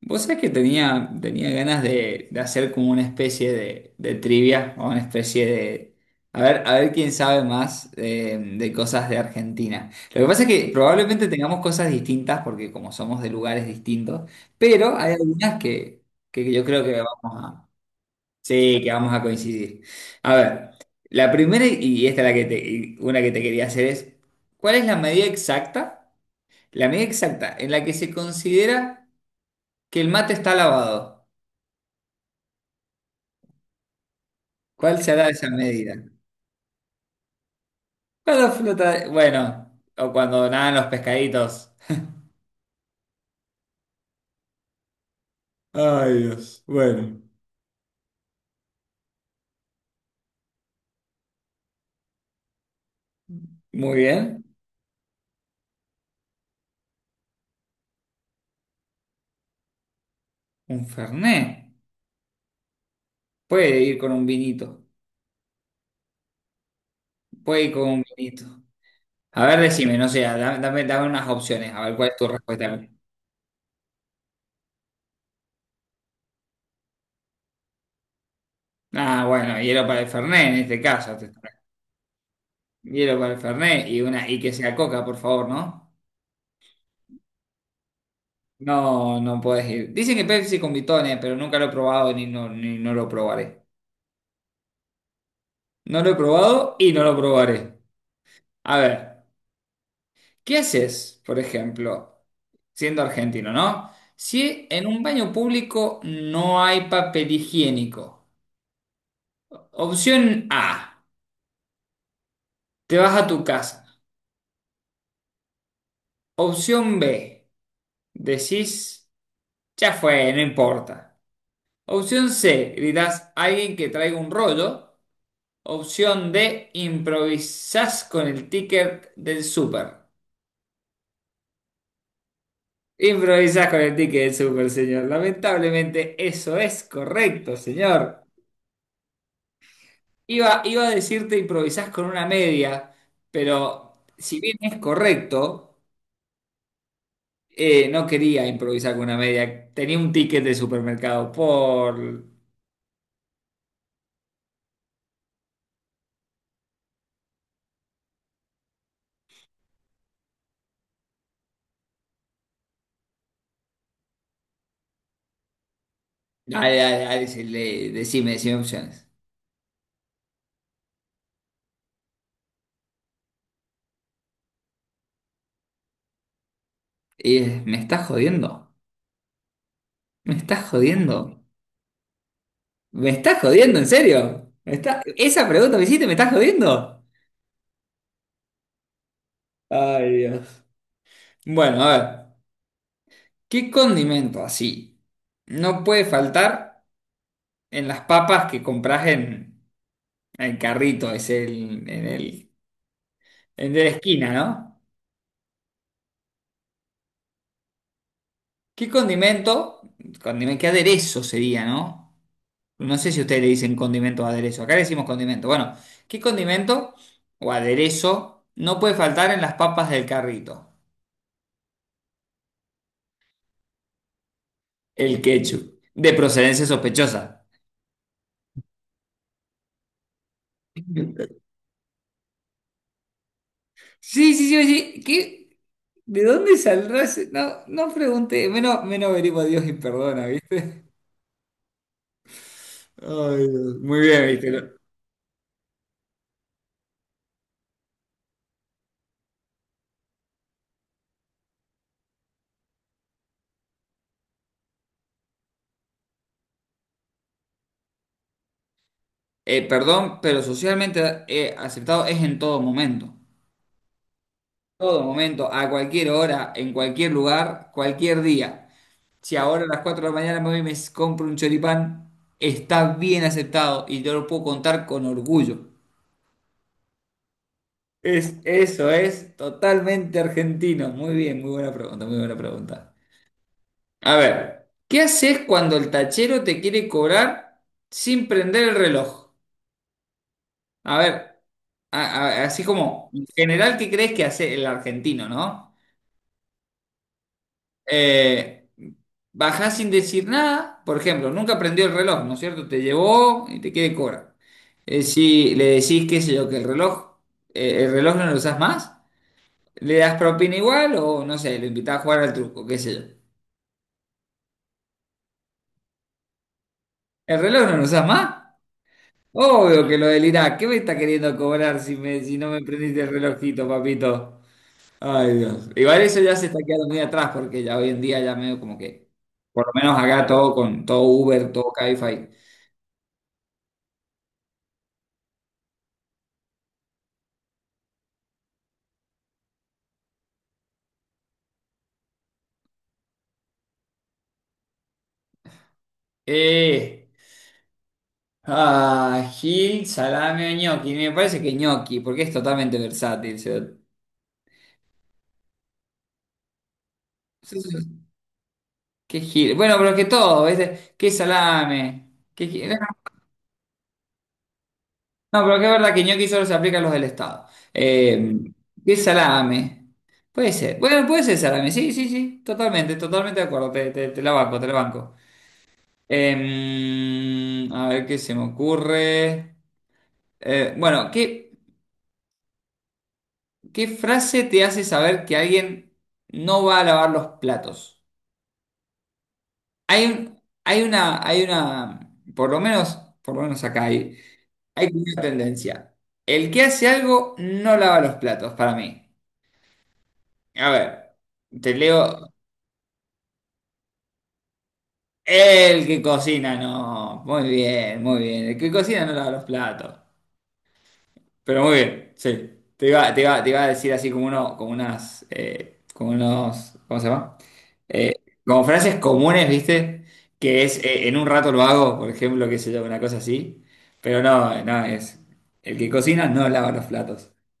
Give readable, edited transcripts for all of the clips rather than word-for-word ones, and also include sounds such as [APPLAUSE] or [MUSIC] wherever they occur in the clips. Vos sabés que tenía ganas de hacer como una especie de trivia o una especie de... a ver quién sabe más de cosas de Argentina. Lo que pasa es que probablemente tengamos cosas distintas porque como somos de lugares distintos, pero hay algunas que yo creo que vamos a... Sí, que vamos a coincidir. A ver, la primera y esta es la que te, y una que te quería hacer es, ¿cuál es la medida exacta? La medida exacta en la que se considera que el mate está lavado. ¿Cuál será esa medida? Cuando flota, bueno, o cuando nadan los pescaditos. Ay, Dios. Bueno. Muy bien. Un fernet. Puede ir con un vinito. Puede ir con un vinito. A ver, decime, no sé, dame, dame unas opciones. A ver, ¿cuál es tu respuesta? Ah, bueno, hielo para el fernet en este caso. Te- Hielo para el fernet y una y que sea coca, por favor, ¿no? No, no puedes ir. Dicen que Pepsi con bitones, pero nunca lo he probado ni no, ni no lo probaré. No lo he probado y no lo probaré. A ver, ¿qué haces, por ejemplo, siendo argentino, ¿no? Si en un baño público no hay papel higiénico. Opción A, te vas a tu casa. Opción B, decís, ya fue, no importa. Opción C, gritás a alguien que traiga un rollo. Opción D, improvisás con el ticket del súper. Improvisás con el ticket del súper, señor. Lamentablemente eso es correcto, señor. Iba a decirte improvisás con una media, pero si bien es correcto, no quería improvisar con una media. Tenía un ticket de supermercado por... Dale, dale, dale, decirle, decime, decime opciones. Me estás jodiendo, me estás jodiendo, me estás jodiendo, en serio. ¿Me está- Esa pregunta que hiciste, ¿me estás jodiendo? Ay, Dios. Bueno, a ver, ¿qué condimento así no puede faltar en las papas que compras en? El carrito es el, en el, el de la esquina, ¿no? ¿Qué condimento? Condimento, ¿qué aderezo sería, no? No sé si ustedes le dicen condimento o aderezo. Acá le decimos condimento. Bueno, ¿qué condimento o aderezo no puede faltar en las papas del carrito? El ketchup. De procedencia sospechosa. Sí, sí, sí, sí. ¿Qué? ¿De dónde saldrá ese? No, no pregunté. Menos, menos venimos a Dios y perdona, ¿viste? Ay, Dios. Muy bien, ¿viste? Perdón, pero socialmente aceptado es en todo momento. Todo momento, a cualquier hora, en cualquier lugar, cualquier día. Si ahora a las 4 de la mañana me voy y me compro un choripán, está bien aceptado y yo lo puedo contar con orgullo. Es, eso es totalmente argentino. Muy bien, muy buena pregunta, muy buena pregunta. A ver, ¿qué haces cuando el tachero te quiere cobrar sin prender el reloj? A ver, así como, en general, ¿qué crees que hace el argentino, no? Eh, Bajás sin decir nada, por ejemplo, nunca prendió el reloj, ¿no es cierto? Te llevó y te quiere cobrar. Si le decís, qué sé yo, que el reloj no lo usás más, le das propina igual o, no sé, lo invitás a jugar al truco, qué sé yo. ¿El reloj no lo usás más? Obvio que lo delirás. ¿Qué me está queriendo cobrar si, me, si no me prendiste el relojito, papito? Ay, Dios. Igual eso ya se está quedando muy atrás porque ya hoy en día ya medio como que, por lo menos acá todo con todo Uber, todo Cabify. Eh, Gil, salame o ñoqui. Me parece que ñoqui, porque es totalmente versátil. O sea, sí, sí, ¿qué Gil? Bueno, pero que todo, ¿viste? ¿Qué salame? ¿Qué Gil? Bueno, no, pero que es verdad que ñoqui solo se aplica a los del Estado. Eh, ¿Qué salame? Puede ser. Bueno, puede ser salame. Sí, sí, sí. Totalmente, totalmente de acuerdo. Te la banco, te la banco. A ver qué se me ocurre. Bueno, ¿qué frase te hace saber que alguien no va a lavar los platos? Hay una, hay una, por lo menos acá hay, hay como una tendencia. El que hace algo no lava los platos, para mí. A ver, te leo. El que cocina, no. Muy bien, muy bien. El que cocina no lava los platos. Pero muy bien, sí. Te iba a decir así como uno, como unas, como unos, ¿cómo se llama? Eh, Como frases comunes, ¿viste? Que es en un rato lo hago, por ejemplo, qué sé yo, una cosa así. Pero no, no, es el que cocina no lava los platos. [CLEARS THROAT]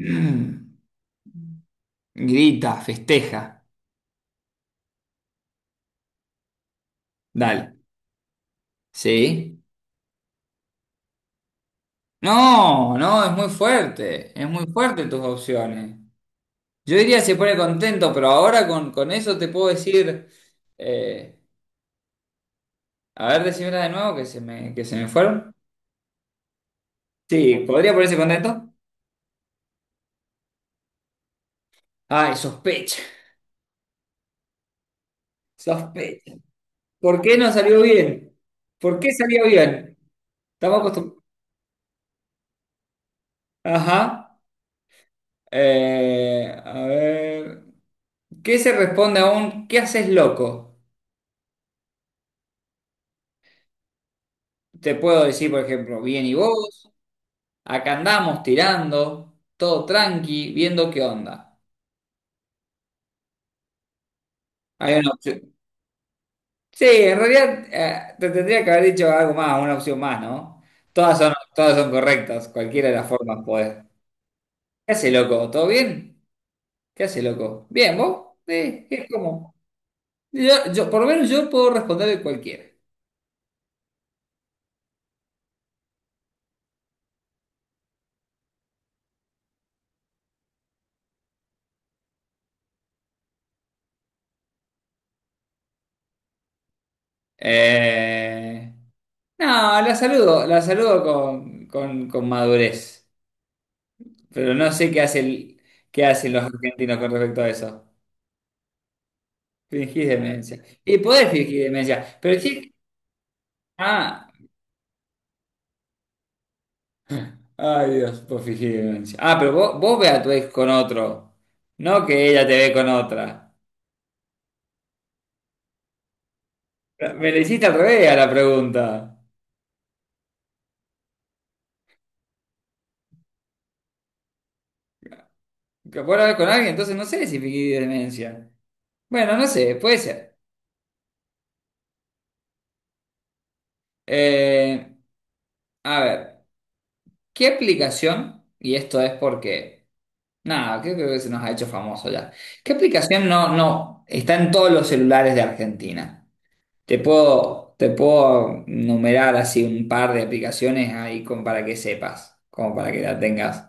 Mm, grita, festeja. Dale. ¿Sí? No, no, es muy fuerte. Es muy fuerte tus opciones. Yo diría se pone contento, pero ahora con eso te puedo decir. eh, A ver, decímela de nuevo que se me fueron. Sí, ¿podría ponerse contento? Ay, sospecha, sospecha. ¿Por qué no salió bien? ¿Por qué salió bien? Estamos acostumbrados. Ajá. A ver. ¿Qué se responde a un ¿qué haces loco? Te puedo decir, por ejemplo, bien y vos, acá andamos tirando, todo tranqui, viendo qué onda. Hay una opción- Sí, en realidad te tendría que haber dicho algo más, una opción más, ¿no? Todas son correctas, cualquiera de las formas puede. ¿Qué hace, loco? ¿Todo bien? ¿Qué hace, loco? ¿Bien, vos? Sí, ¿cómo? Yo, por lo menos yo puedo responder de cualquiera. Eh, no, la saludo con, con madurez, pero no sé qué hace qué hacen los argentinos con respecto a eso. Fingís demencia. Y podés fingir demencia, pero sí... Ah. Ay, Dios, por fingir. Ah, pero vos, vos ve a tu ex con otro, no que ella te ve con otra. Me le hiciste al revés a la pregunta. ¿Que puedo hablar con alguien? Entonces no sé si fingí demencia. Bueno, no sé, puede ser. Eh, a ver, ¿qué aplicación? Y esto es porque, nada, creo que se nos ha hecho famoso ya. ¿Qué aplicación no, no está en todos los celulares de Argentina? Te puedo numerar así un par de aplicaciones ahí como para que sepas, como para que la tengas.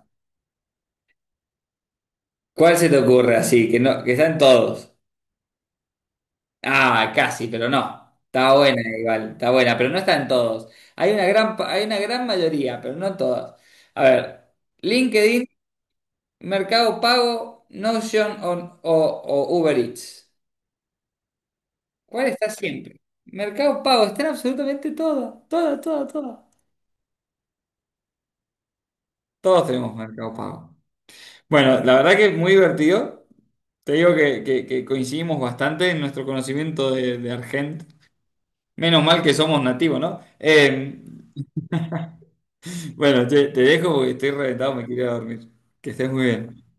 ¿Cuál se te ocurre así? Que no, que están todos. Ah, casi, pero no. Está buena igual, está buena, pero no están todos. Hay una gran, hay una gran mayoría, pero no en todas. A ver, LinkedIn, Mercado Pago, Notion o, o Uber Eats. ¿Cuál está siempre? Mercado Pago, están absolutamente todas, todas, todas, todas. Todos tenemos Mercado Pago. Bueno, la verdad que muy divertido. Te digo que, que coincidimos bastante en nuestro conocimiento de Argent. Menos mal que somos nativos, ¿no? Bueno, te dejo porque estoy reventado, me quiero ir a dormir. Que estés muy bien.